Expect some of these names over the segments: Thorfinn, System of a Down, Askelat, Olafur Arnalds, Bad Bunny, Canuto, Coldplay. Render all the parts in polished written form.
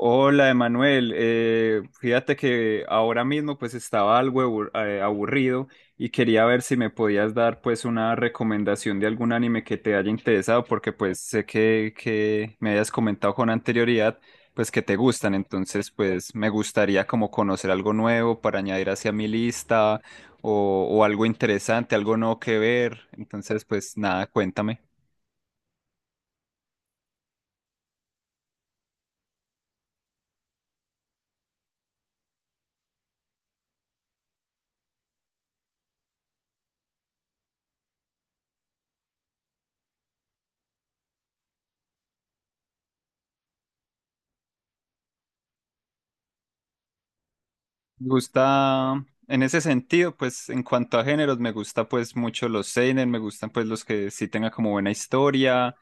Hola, Emanuel. Fíjate que ahora mismo pues estaba algo aburrido y quería ver si me podías dar pues una recomendación de algún anime que te haya interesado porque pues sé que me hayas comentado con anterioridad pues que te gustan. Entonces pues me gustaría como conocer algo nuevo para añadir hacia mi lista o algo interesante, algo nuevo que ver. Entonces pues nada, cuéntame. Me gusta, en ese sentido, pues en cuanto a géneros, me gusta pues mucho los seinen, me gustan pues los que sí tengan como buena historia,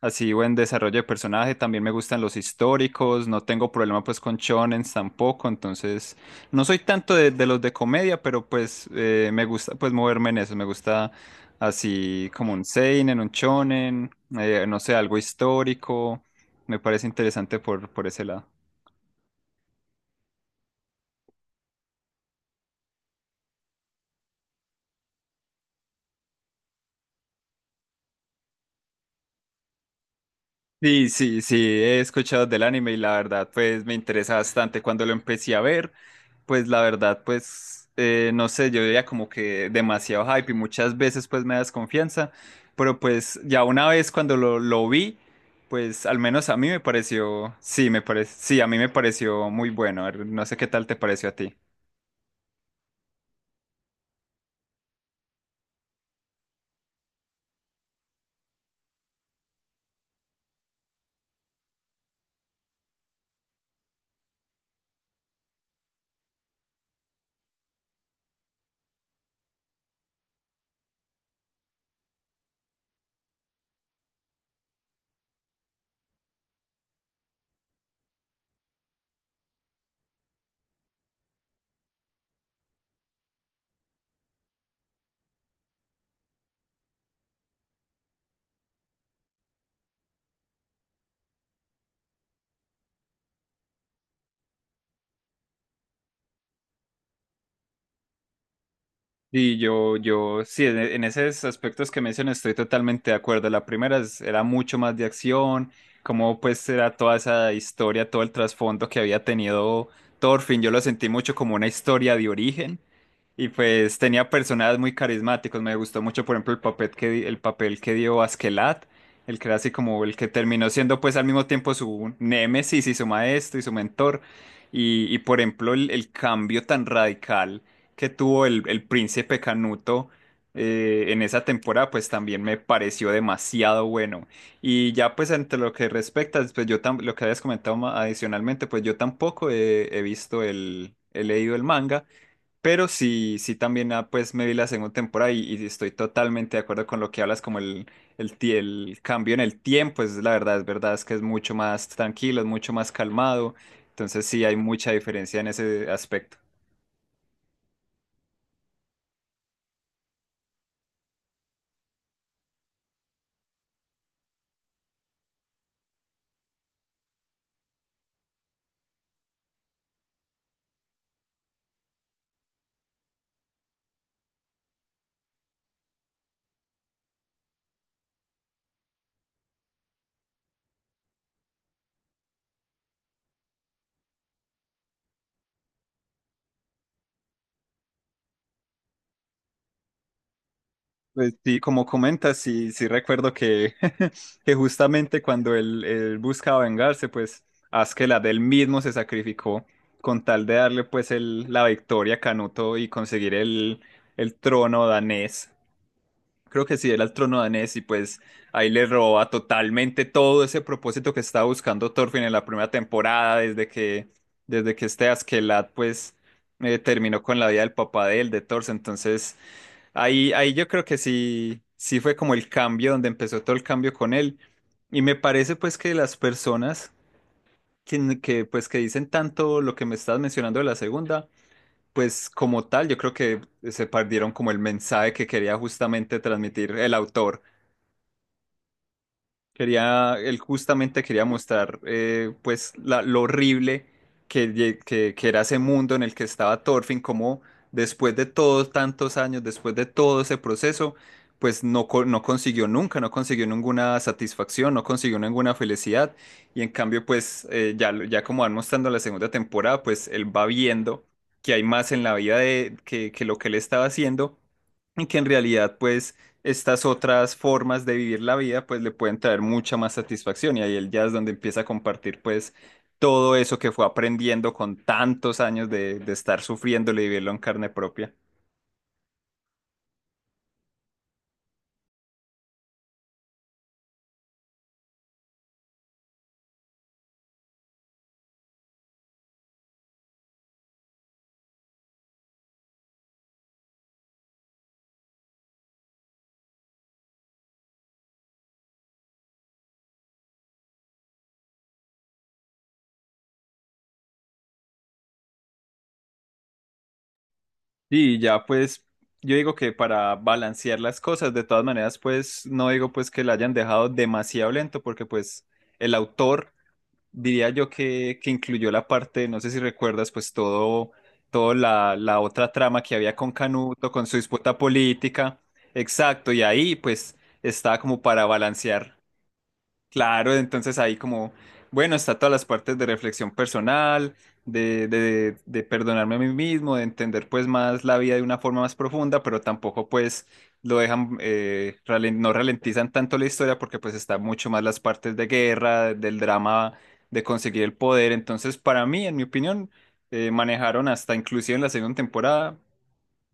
así buen desarrollo de personaje, también me gustan los históricos, no tengo problema pues con shonens tampoco, entonces no soy tanto de los de comedia, pero pues me gusta pues moverme en eso, me gusta así como un seinen, un shonen, no sé, algo histórico, me parece interesante por ese lado. Sí, sí, sí, he escuchado del anime y la verdad, pues me interesa bastante. Cuando lo empecé a ver, pues la verdad, pues no sé, yo veía como que demasiado hype y muchas veces pues me da desconfianza, pero pues ya una vez cuando lo vi, pues al menos a mí me pareció, sí, me parece, sí, a mí me pareció muy bueno. A ver, no sé qué tal te pareció a ti. Y sí, en esos aspectos que mencionas estoy totalmente de acuerdo. La primera era mucho más de acción, como pues era toda esa historia, todo el trasfondo que había tenido Thorfinn. Yo lo sentí mucho como una historia de origen y pues tenía personajes muy carismáticos. Me gustó mucho, por ejemplo, el papel el papel que dio Askelat, el que era así como el que terminó siendo pues al mismo tiempo su némesis y su maestro y su mentor. Y por ejemplo, el cambio tan radical que tuvo el príncipe Canuto en esa temporada, pues también me pareció demasiado bueno. Y ya pues entre lo que respecta, pues yo lo que habías comentado adicionalmente, pues yo tampoco he visto el, he leído el manga, pero sí, sí también pues me vi la segunda temporada y estoy totalmente de acuerdo con lo que hablas, como el cambio en el tiempo, es la verdad, es que es mucho más tranquilo, es mucho más calmado, entonces sí hay mucha diferencia en ese aspecto. Pues sí, como comentas, sí, sí recuerdo que, que justamente cuando él buscaba vengarse, pues Askeladd él mismo se sacrificó con tal de darle pues el, la victoria a Canuto y conseguir el trono danés. Creo que sí, era el trono danés y pues ahí le roba totalmente todo ese propósito que estaba buscando Thorfinn en la primera temporada, desde que este Askeladd pues terminó con la vida del papá de él, de Thor. Entonces... ahí, ahí yo creo que sí, sí fue como el cambio, donde empezó todo el cambio con él. Y me parece pues que las personas pues que dicen tanto lo que me estás mencionando de la segunda, pues como tal, yo creo que se perdieron como el mensaje que quería justamente transmitir el autor. Quería, él justamente quería mostrar pues lo horrible que era ese mundo en el que estaba Thorfinn, como después de todos tantos años, después de todo ese proceso, pues no, no consiguió nunca, no consiguió ninguna satisfacción, no consiguió ninguna felicidad. Y en cambio, pues ya, ya como van mostrando la segunda temporada, pues él va viendo que hay más en la vida que lo que él estaba haciendo y que en realidad pues estas otras formas de vivir la vida, pues le pueden traer mucha más satisfacción y ahí él ya es donde empieza a compartir pues todo eso que fue aprendiendo con tantos años de estar sufriéndolo y vivirlo en carne propia. Y ya pues yo digo que para balancear las cosas, de todas maneras pues no digo pues que la hayan dejado demasiado lento porque pues el autor diría yo que incluyó la parte, no sé si recuerdas, pues todo, todo la otra trama que había con Canuto, con su disputa política. Exacto, y ahí pues estaba como para balancear. Claro, entonces ahí como, bueno, está todas las partes de reflexión personal, de perdonarme a mí mismo, de entender pues más la vida de una forma más profunda, pero tampoco pues lo dejan, no ralentizan tanto la historia porque pues está mucho más las partes de guerra, del drama de conseguir el poder. Entonces para mí, en mi opinión, manejaron hasta inclusive en la segunda temporada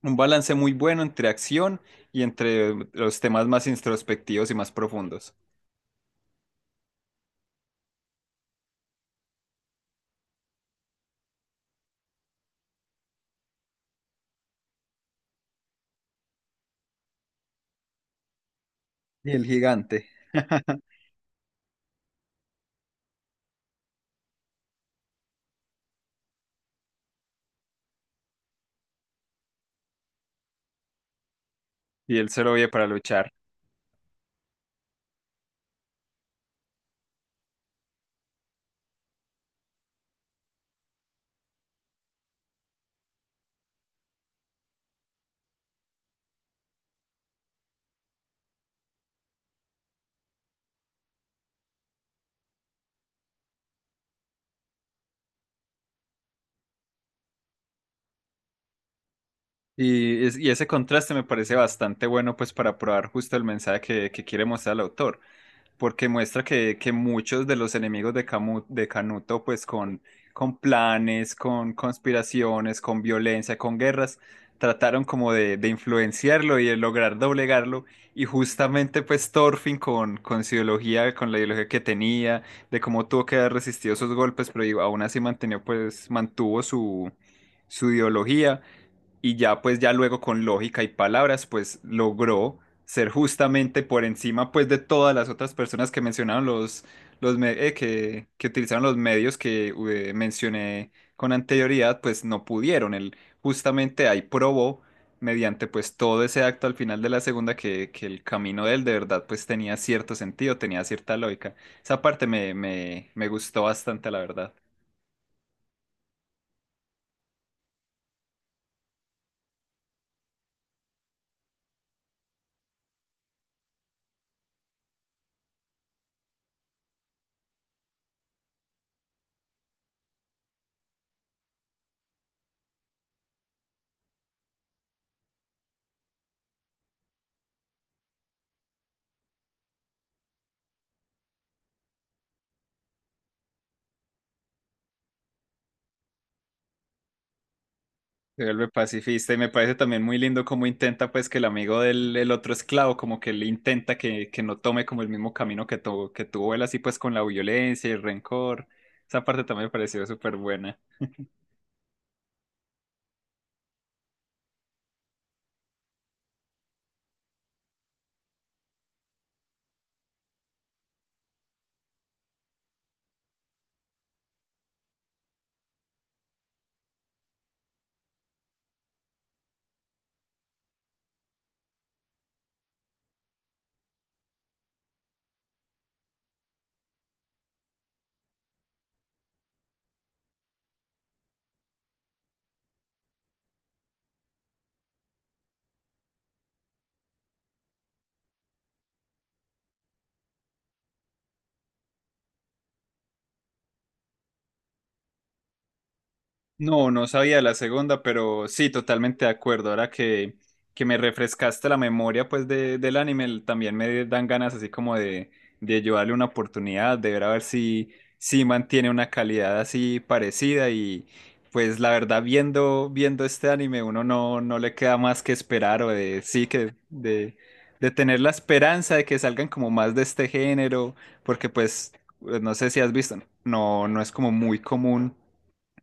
un balance muy bueno entre acción y entre los temas más introspectivos y más profundos. Y el gigante. Y él se lo oye para luchar. Y, y ese contraste me parece bastante bueno, pues para probar justo el mensaje que quiere mostrar el autor. Porque muestra que muchos de los enemigos de, de Canuto, pues con planes, con conspiraciones, con violencia, con guerras, trataron como de influenciarlo y de lograr doblegarlo. Y justamente pues Thorfinn con su ideología, con la ideología que tenía, de cómo tuvo que haber resistido esos golpes, pero aún así mantenió, pues, mantuvo su, su ideología y ya pues ya luego con lógica y palabras pues logró ser justamente por encima pues de todas las otras personas que mencionaron los, que utilizaron los medios que mencioné con anterioridad pues no pudieron, él justamente ahí probó mediante pues todo ese acto al final de la segunda que el camino de él de verdad pues tenía cierto sentido, tenía cierta lógica. Esa parte me gustó bastante la verdad. Se vuelve pacifista y me parece también muy lindo cómo intenta pues que el amigo del el otro esclavo como que le intenta que no tome como el mismo camino que tuvo él así pues con la violencia y el rencor. Esa parte también me pareció súper buena. No, no sabía la segunda, pero sí, totalmente de acuerdo. Ahora que me refrescaste la memoria pues de, del anime, también me dan ganas así como de yo darle una oportunidad, de ver a ver si, si mantiene una calidad así parecida y pues la verdad viendo este anime uno no, no le queda más que esperar o de sí que de tener la esperanza de que salgan como más de este género, porque pues no sé si has visto, no, no es como muy común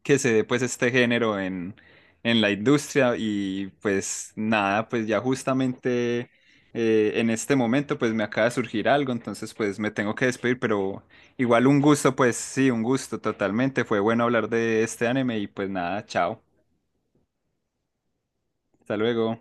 que se dé pues este género en la industria y pues nada, pues ya justamente en este momento pues me acaba de surgir algo, entonces pues me tengo que despedir, pero igual un gusto, pues sí, un gusto totalmente, fue bueno hablar de este anime y pues nada, chao, hasta luego.